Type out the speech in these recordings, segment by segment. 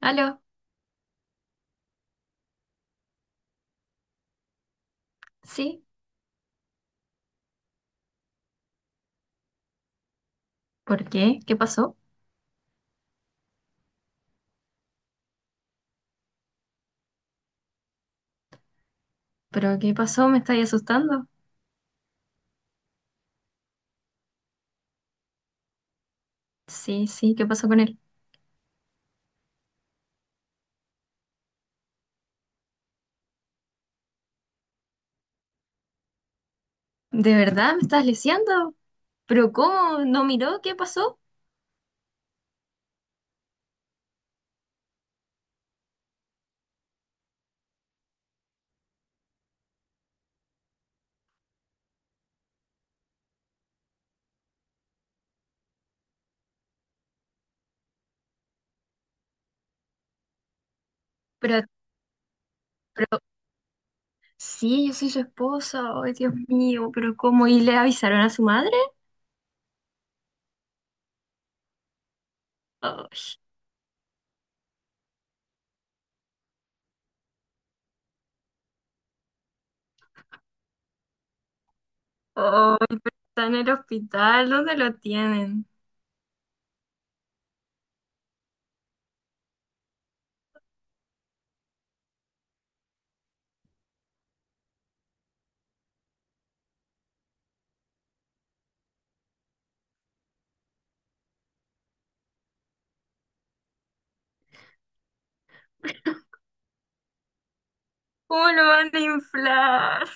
¿Aló? ¿Sí? ¿Por qué? ¿Qué pasó? ¿Pero qué pasó? ¿Me estáis asustando? Sí, sí, ¿qué pasó con él? ¿De verdad me estás lisiando? ¿Pero cómo? ¿No miró? ¿Qué pasó? Pero, pero, sí, yo soy su esposa. Ay, Dios mío, pero ¿cómo? ¿Y le avisaron a su madre? Ay, ay, pero está en el hospital. ¿Dónde lo tienen? ¿Cómo lo van a inflar?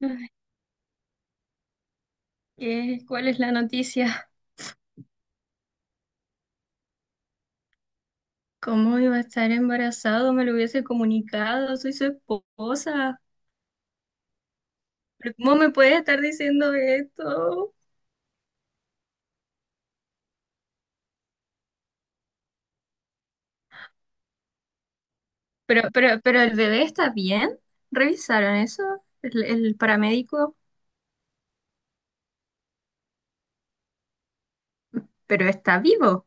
Ay, ¿qué? ¿Cuál es la noticia? ¿Cómo iba a estar embarazado? Me lo hubiese comunicado. Soy su esposa. Pero, ¿cómo me puedes estar diciendo esto? Pero el bebé está bien. ¿Revisaron eso? El paramédico, pero está vivo.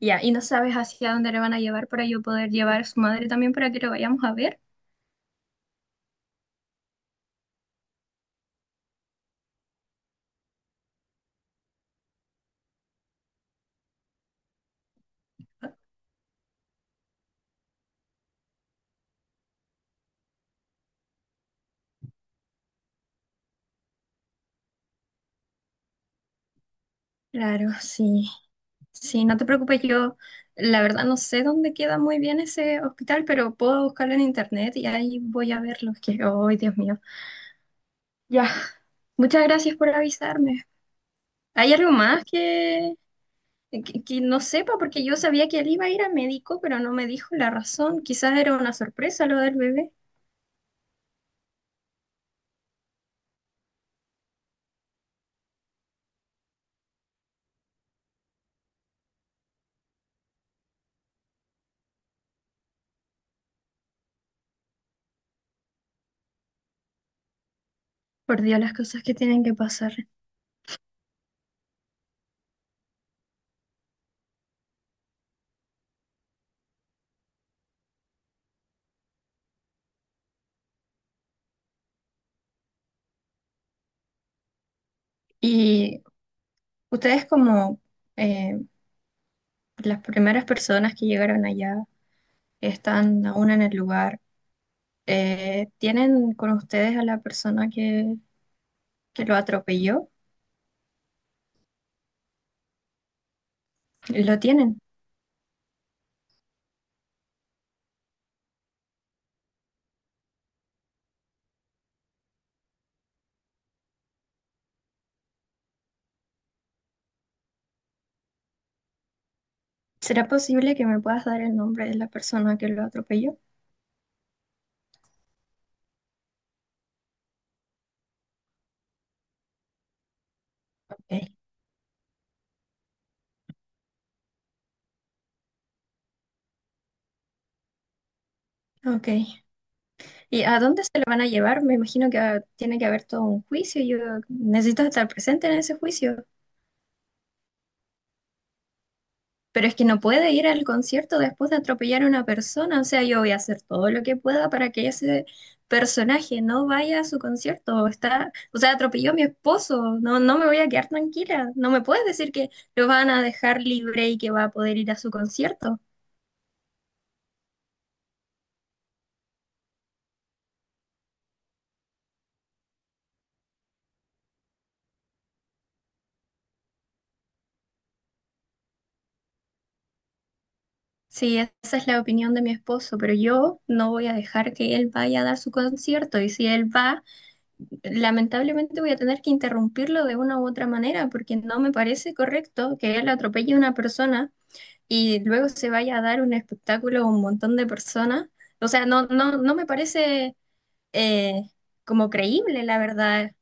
Ya, y no sabes hacia dónde le van a llevar para yo poder llevar a su madre también para que lo vayamos a ver. Claro, sí. Sí, no te preocupes, yo la verdad no sé dónde queda muy bien ese hospital, pero puedo buscarlo en internet y ahí voy a verlo. Que, ay, Dios mío. Ya. Muchas gracias por avisarme. ¿Hay algo más que no sepa? Porque yo sabía que él iba a ir a médico, pero no me dijo la razón. Quizás era una sorpresa lo del bebé. Por Dios, las cosas que tienen que pasar. Y ustedes como eh, las primeras personas que llegaron allá, están aún en el lugar, ¿tienen con ustedes a la persona que lo atropelló? Lo tienen. ¿Será posible que me puedas dar el nombre de la persona que lo atropelló? Ok. Ok. ¿Y a dónde se lo van a llevar? Me imagino que ah, tiene que haber todo un juicio. Yo necesito estar presente en ese juicio. Pero es que no puede ir al concierto después de atropellar a una persona. O sea, yo voy a hacer todo lo que pueda para que ese personaje no vaya a su concierto. Está, o sea, atropelló a mi esposo. No, no me voy a quedar tranquila. No me puedes decir que lo van a dejar libre y que va a poder ir a su concierto. Sí, esa es la opinión de mi esposo, pero yo no voy a dejar que él vaya a dar su concierto y si él va... lamentablemente voy a tener que interrumpirlo de una u otra manera porque no me parece correcto que él atropelle a una persona y luego se vaya a dar un espectáculo a un montón de personas. O sea, no, no, no me parece eh, como creíble, la verdad.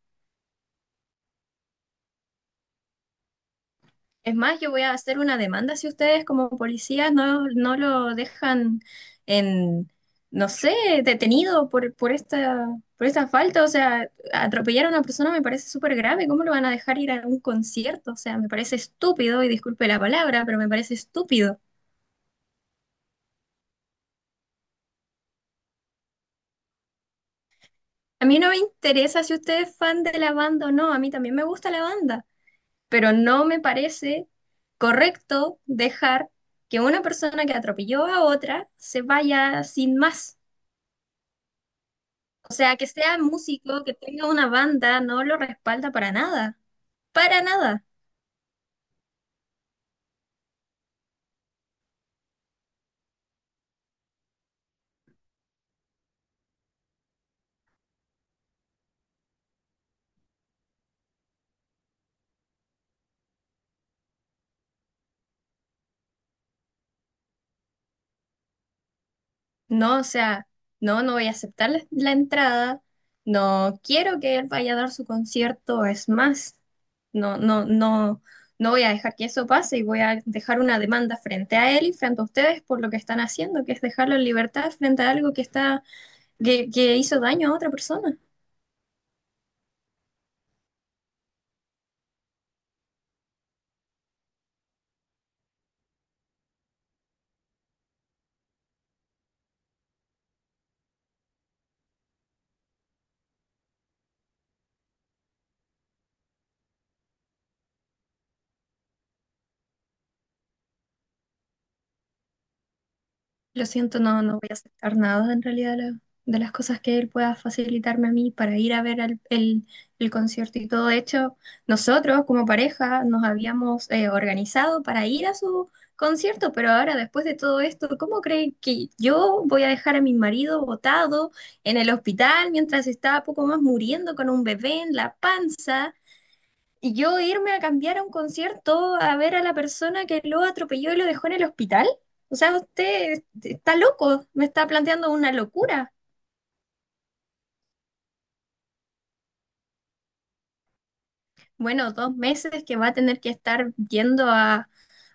Es más, yo voy a hacer una demanda si ustedes como policías no, no lo dejan en, no sé, detenido por esta falta. O sea, atropellar a una persona me parece súper grave. ¿Cómo lo van a dejar ir a un concierto? O sea, me parece estúpido, y disculpe la palabra, pero me parece estúpido. A mí no me interesa si usted es fan de la banda o no, a mí también me gusta la banda, pero no me parece correcto dejar que una persona que atropelló a otra se vaya sin más. O sea, que sea músico, que tenga una banda, no lo respalda para nada, para nada. No, o sea, no, no voy a aceptar la entrada, no quiero que él vaya a dar su concierto, es más, no, no, no, no voy a dejar que eso pase y voy a dejar una demanda frente a él y frente a ustedes por lo que están haciendo, que es dejarlo en libertad frente a algo que está, que hizo daño a otra persona. Lo siento, no, no voy a aceptar nada en realidad de, la- de las cosas que él pueda facilitarme a mí para ir a ver al- el concierto y todo. De hecho, nosotros como pareja nos habíamos organizado para ir a su concierto, pero ahora después de todo esto, ¿cómo creen que yo voy a dejar a mi marido botado en el hospital mientras está poco más muriendo con un bebé en la panza? Y yo irme a cambiar a un concierto a ver a la persona que lo atropelló y lo dejó en el hospital. O sea, usted está loco, me está planteando una locura. Bueno, 2 meses que va a tener que estar yendo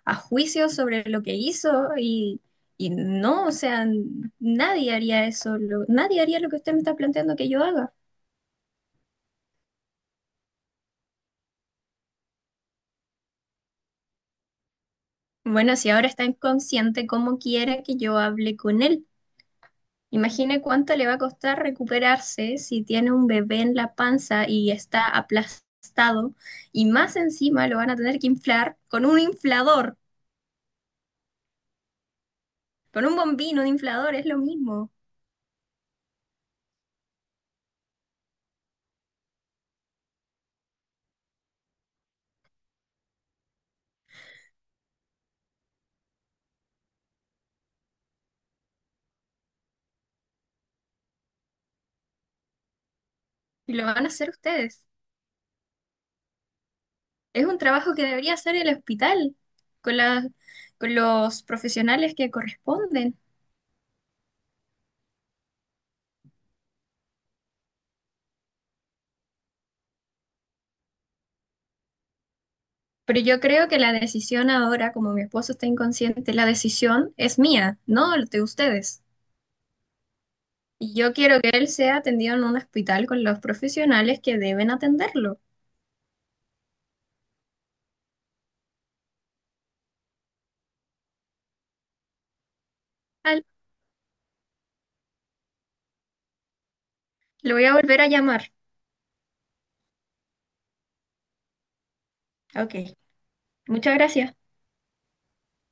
a juicio sobre lo que hizo y no, o sea, n- nadie haría eso, lo- nadie haría lo que usted me está planteando que yo haga. Bueno, si ahora está inconsciente, ¿cómo quiere que yo hable con él? Imagine cuánto le va a costar recuperarse si tiene un bebé en la panza y está aplastado y más encima lo van a tener que inflar con un inflador, con un bombino de inflador, es lo mismo. Y lo van a hacer ustedes. Es un trabajo que debería hacer el hospital con las- con los profesionales que corresponden. Pero yo creo que la decisión ahora, como mi esposo está inconsciente, la decisión es mía, no de ustedes. Y yo quiero que él sea atendido en un hospital con los profesionales que deben atenderlo. Al- Lo voy a volver a llamar. Ok, muchas gracias.